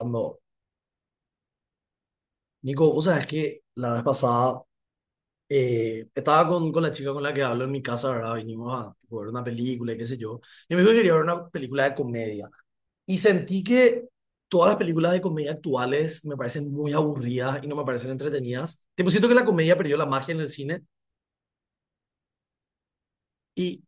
Ando. Nico, vos sabés que la vez pasada estaba con la chica con la que hablo en mi casa, ¿verdad? Vinimos a tipo, ver una película y qué sé yo. Y me dijo que quería ver una película de comedia. Y sentí que todas las películas de comedia actuales me parecen muy aburridas y no me parecen entretenidas. Tipo, siento que la comedia perdió la magia en el cine. Y,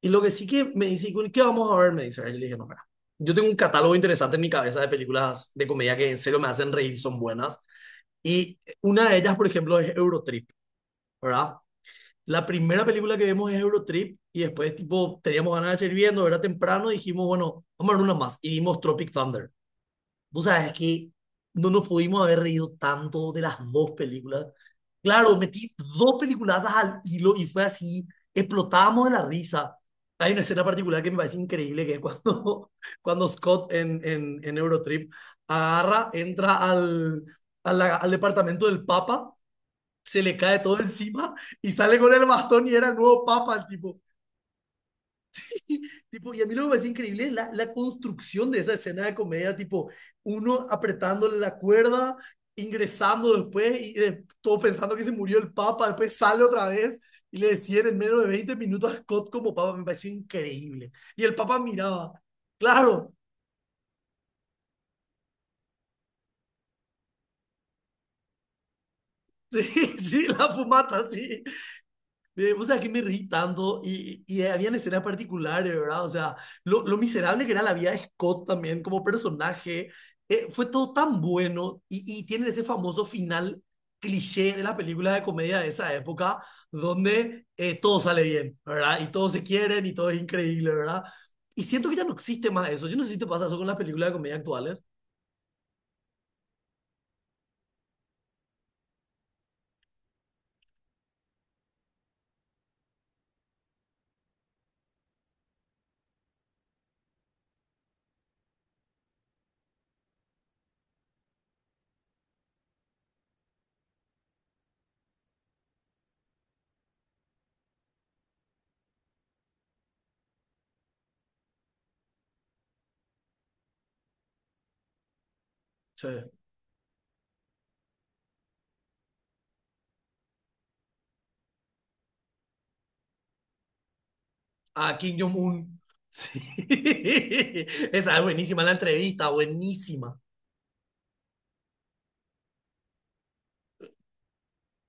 y lo que sí que me dice, "¿Y ¿qué vamos a ver? Me dice, y yo le dije, no, mira, yo tengo un catálogo interesante en mi cabeza de películas de comedia que en serio me hacen reír, son buenas. Y una de ellas, por ejemplo, es Eurotrip. ¿Verdad? La primera película que vemos es Eurotrip y después, tipo, teníamos ganas de seguir viendo, era temprano, y dijimos, bueno, vamos a ver una más y vimos Tropic Thunder. Vos sabés que no nos pudimos haber reído tanto de las dos películas. Claro, metí dos peliculazas al hilo y fue así, explotábamos de la risa. Hay una escena particular que me parece increíble, que es cuando, cuando Scott en Eurotrip agarra, entra a la- al departamento del Papa se le cae todo encima y sale con el bastón y era el nuevo papa el tipo. Tipo y a mí lo que me parece increíble es la construcción de esa escena de comedia, tipo uno apretándole la cuerda, ingresando después y todo pensando que se murió el papa, después sale otra vez y le decían en menos de 20 minutos a Scott como papa, me pareció increíble. Y el papa miraba, claro, sí, sí, la fumata, sí. Vos sabés que me reí tanto y habían escenas particulares, ¿verdad? O sea, lo miserable que era la vida de Scott también como personaje, fue todo tan bueno y tienen ese famoso final cliché de la película de comedia de esa época, donde todo sale bien, ¿verdad? Y todos se quieren y todo es increíble, ¿verdad? Y siento que ya no existe más eso. Yo no sé si te pasa eso con las películas de comedia actuales. Sí. A Kim Jong-un. Sí. Esa es ah, buenísima la entrevista, buenísima.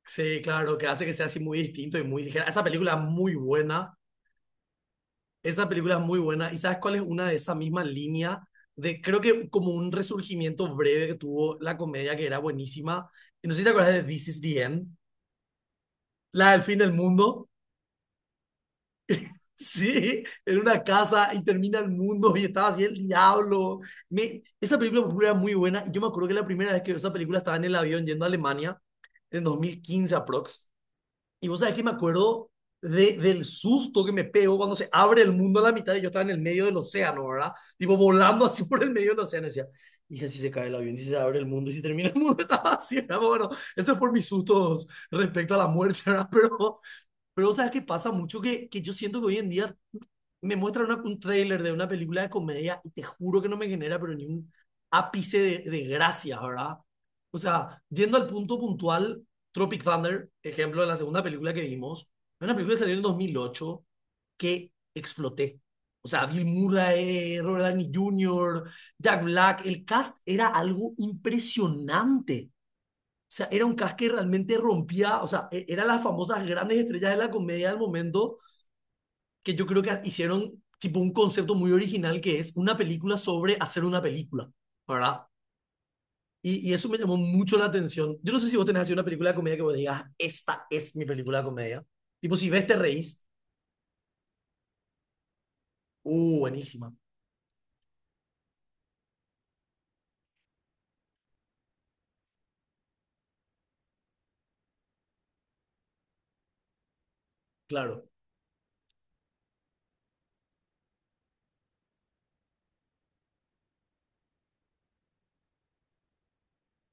Sí, claro, que hace que sea así muy distinto y muy ligera. Esa película es muy buena, esa película es muy buena. ¿Y sabes cuál es una de esa misma línea de, creo que como un resurgimiento breve que tuvo la comedia que era buenísima? Y no sé si te acuerdas de This is the End, la del fin del mundo. Sí, en una casa y termina el mundo y estaba así el diablo. Me, esa película por ejemplo, era muy buena y yo me acuerdo que la primera vez que vi esa película estaba en el avión yendo a Alemania en 2015 aprox. Y vos sabés que me acuerdo de, del susto que me pegó cuando se abre el mundo a la mitad y yo estaba en el medio del océano, ¿verdad? Tipo volando así por el medio del océano. Y decía, hija, si se cae el avión, si se abre el mundo, y si termina el mundo, estaba así, ¿verdad? Bueno, eso es por mis sustos respecto a la muerte, ¿verdad? Pero ¿sabes qué pasa mucho? Que yo siento que hoy en día me muestra una- un tráiler de una película de comedia y te juro que no me genera, pero ni un ápice de gracia, ¿verdad? O sea, yendo al punto puntual, Tropic Thunder, ejemplo de la segunda película que vimos, es una película que salió en 2008 que exploté. O sea, Bill Murray, Robert Downey Jr., Jack Black, el cast era algo impresionante. O sea, era un cast que realmente rompía, o sea, e- eran las famosas grandes estrellas de la comedia del momento que yo creo que hicieron tipo un concepto muy original que es una película sobre hacer una película, ¿verdad? Y eso me llamó mucho la atención. Yo no sé si vos tenés así una película de comedia que vos digas, esta es mi película de comedia. Tipo, si ves te reís, buenísima, claro,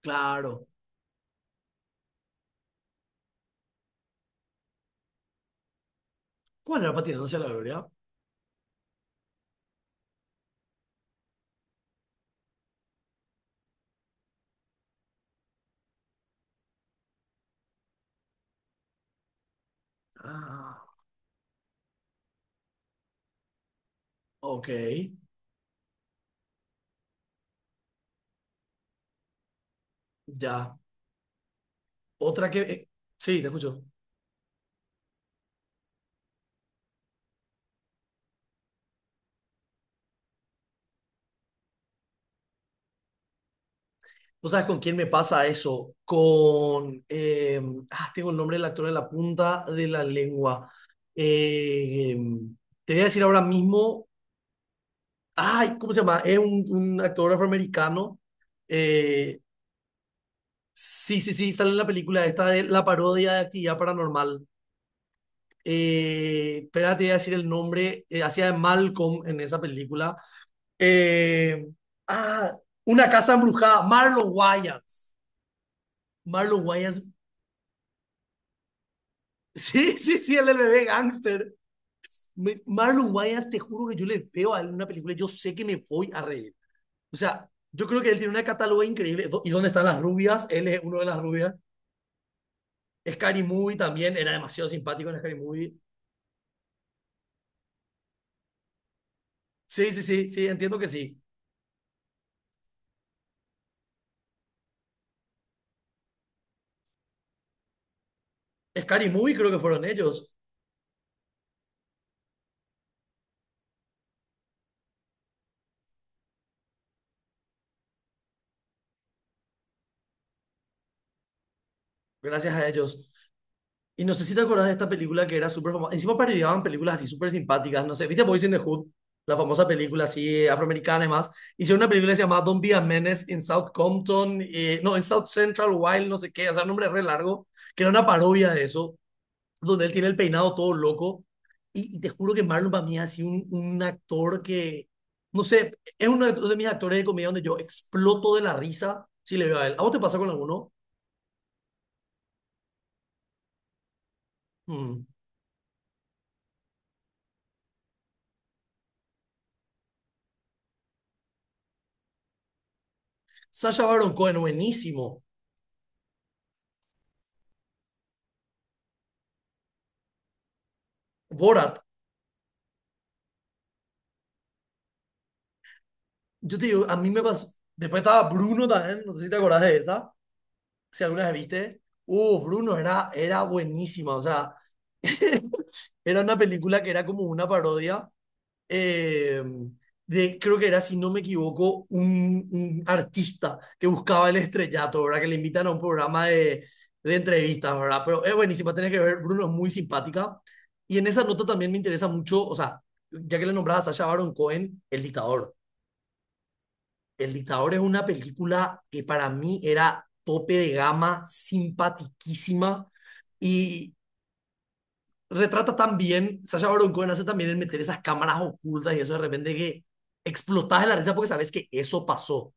claro. ¿Cuál era Patinándose a la Gloria? Ah, ok, ya. Otra que... sí, te escucho. ¿Vos sabés con quién me pasa eso? Con... ah, tengo el nombre del actor en la punta de la lengua. Eh, te voy a decir ahora mismo... Ay, ¿cómo se llama? Es un actor afroamericano. Eh, sí, sí, sí, sale en la película esta de la parodia de Actividad Paranormal. Espera, te voy a decir el nombre. Hacía de Malcolm en esa película. Eh, ah, Una casa embrujada. Marlon Wayans. Marlon Wayans. Sí, sí, sí, él es el bebé gángster. Me- Marlon Wayans, te juro que yo le veo a él en una película, yo sé que me voy a reír. O sea, yo creo que él tiene una catálogo increíble. Do- ¿Y dónde están las rubias? Él es uno de las rubias. Scary Movie también, era demasiado simpático en Scary Movie. Sí, sí, sí, sí, entiendo que sí. Scary Movie creo que fueron ellos, gracias a ellos. Y no sé si te acordás de esta película que era súper famosa. Encima parodiaban películas así súper simpáticas. No sé, ¿viste Boys in the Hood? La famosa película así afroamericana y más. Hicieron una película que se llamaba Don't Be a Menace in South Compton. Eh, no, en South Central Wild, no sé qué. O sea, un nombre re largo. Que era una parodia de eso. Donde él tiene el peinado todo loco. Y te juro que Marlon para mí ha sido un actor que... No sé, es uno de mis actores de comedia donde yo exploto de la risa si le veo a él. ¿A vos te pasa con alguno? Mm. Sacha Baron Cohen, buenísimo. Borat, yo te digo, a mí me pasó. Después estaba Bruno también, no sé si te acordás de esa, si alguna vez viste. Bruno era buenísima, o sea, era una película que era como una parodia eh, de, creo que era, si no me equivoco, un artista que buscaba el estrellato, ¿verdad? Que le invitan a un programa de entrevistas, ¿verdad? Pero es buenísima, tenés que ver, Bruno es muy simpática. Y en esa nota también me interesa mucho, o sea, ya que le nombraba a Sacha Baron Cohen, el dictador. El dictador es una película que para mí era tope de gama, simpatiquísima y retrata también, Sasha Baron Cohen hace también el meter esas cámaras ocultas y eso de repente que explotás de la risa porque sabes que eso pasó.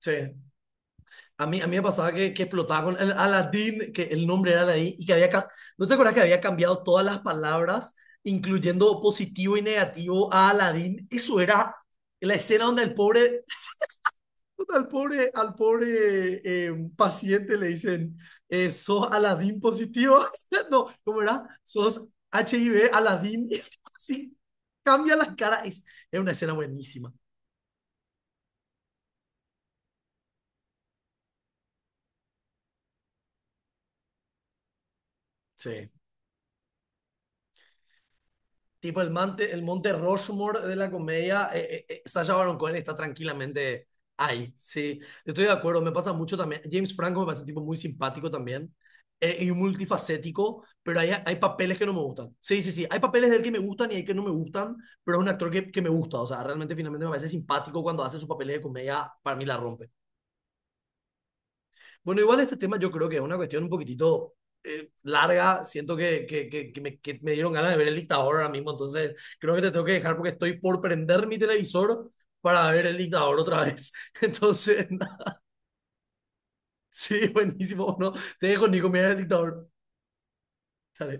Sí, a mí me pasaba que explotaba con el Aladdin, que el nombre era Aladdin, y que había, ca- ¿no te acuerdas que había cambiado todas las palabras, incluyendo positivo y negativo a Aladdin? Eso era la escena donde el pobre Al pobre, al pobre paciente le dicen, sos Aladín positivo. No, ¿cómo era? Sos HIV Aladín. Sí, cambia las caras. Es una escena buenísima. Sí. Tipo el Monte Rushmore de la comedia, Sacha Baron Cohen está tranquilamente ahí, sí. Estoy de acuerdo, me pasa mucho también. James Franco me parece un tipo muy simpático también y multifacético, pero hay papeles que no me gustan. Sí, sí, sí, hay papeles de él que me gustan y hay que no me gustan, pero es un actor que me gusta, o sea, realmente finalmente me parece simpático cuando hace sus papeles de comedia, para mí la rompe. Bueno, igual este tema yo creo que es una cuestión un poquitito larga. Siento que me dieron ganas de ver el dictador ahora mismo, entonces creo que te tengo que dejar porque estoy por prender mi televisor para ver el dictador otra vez. Entonces, sí, buenísimo. No, te dejo, Nico, mira el dictador. Dale.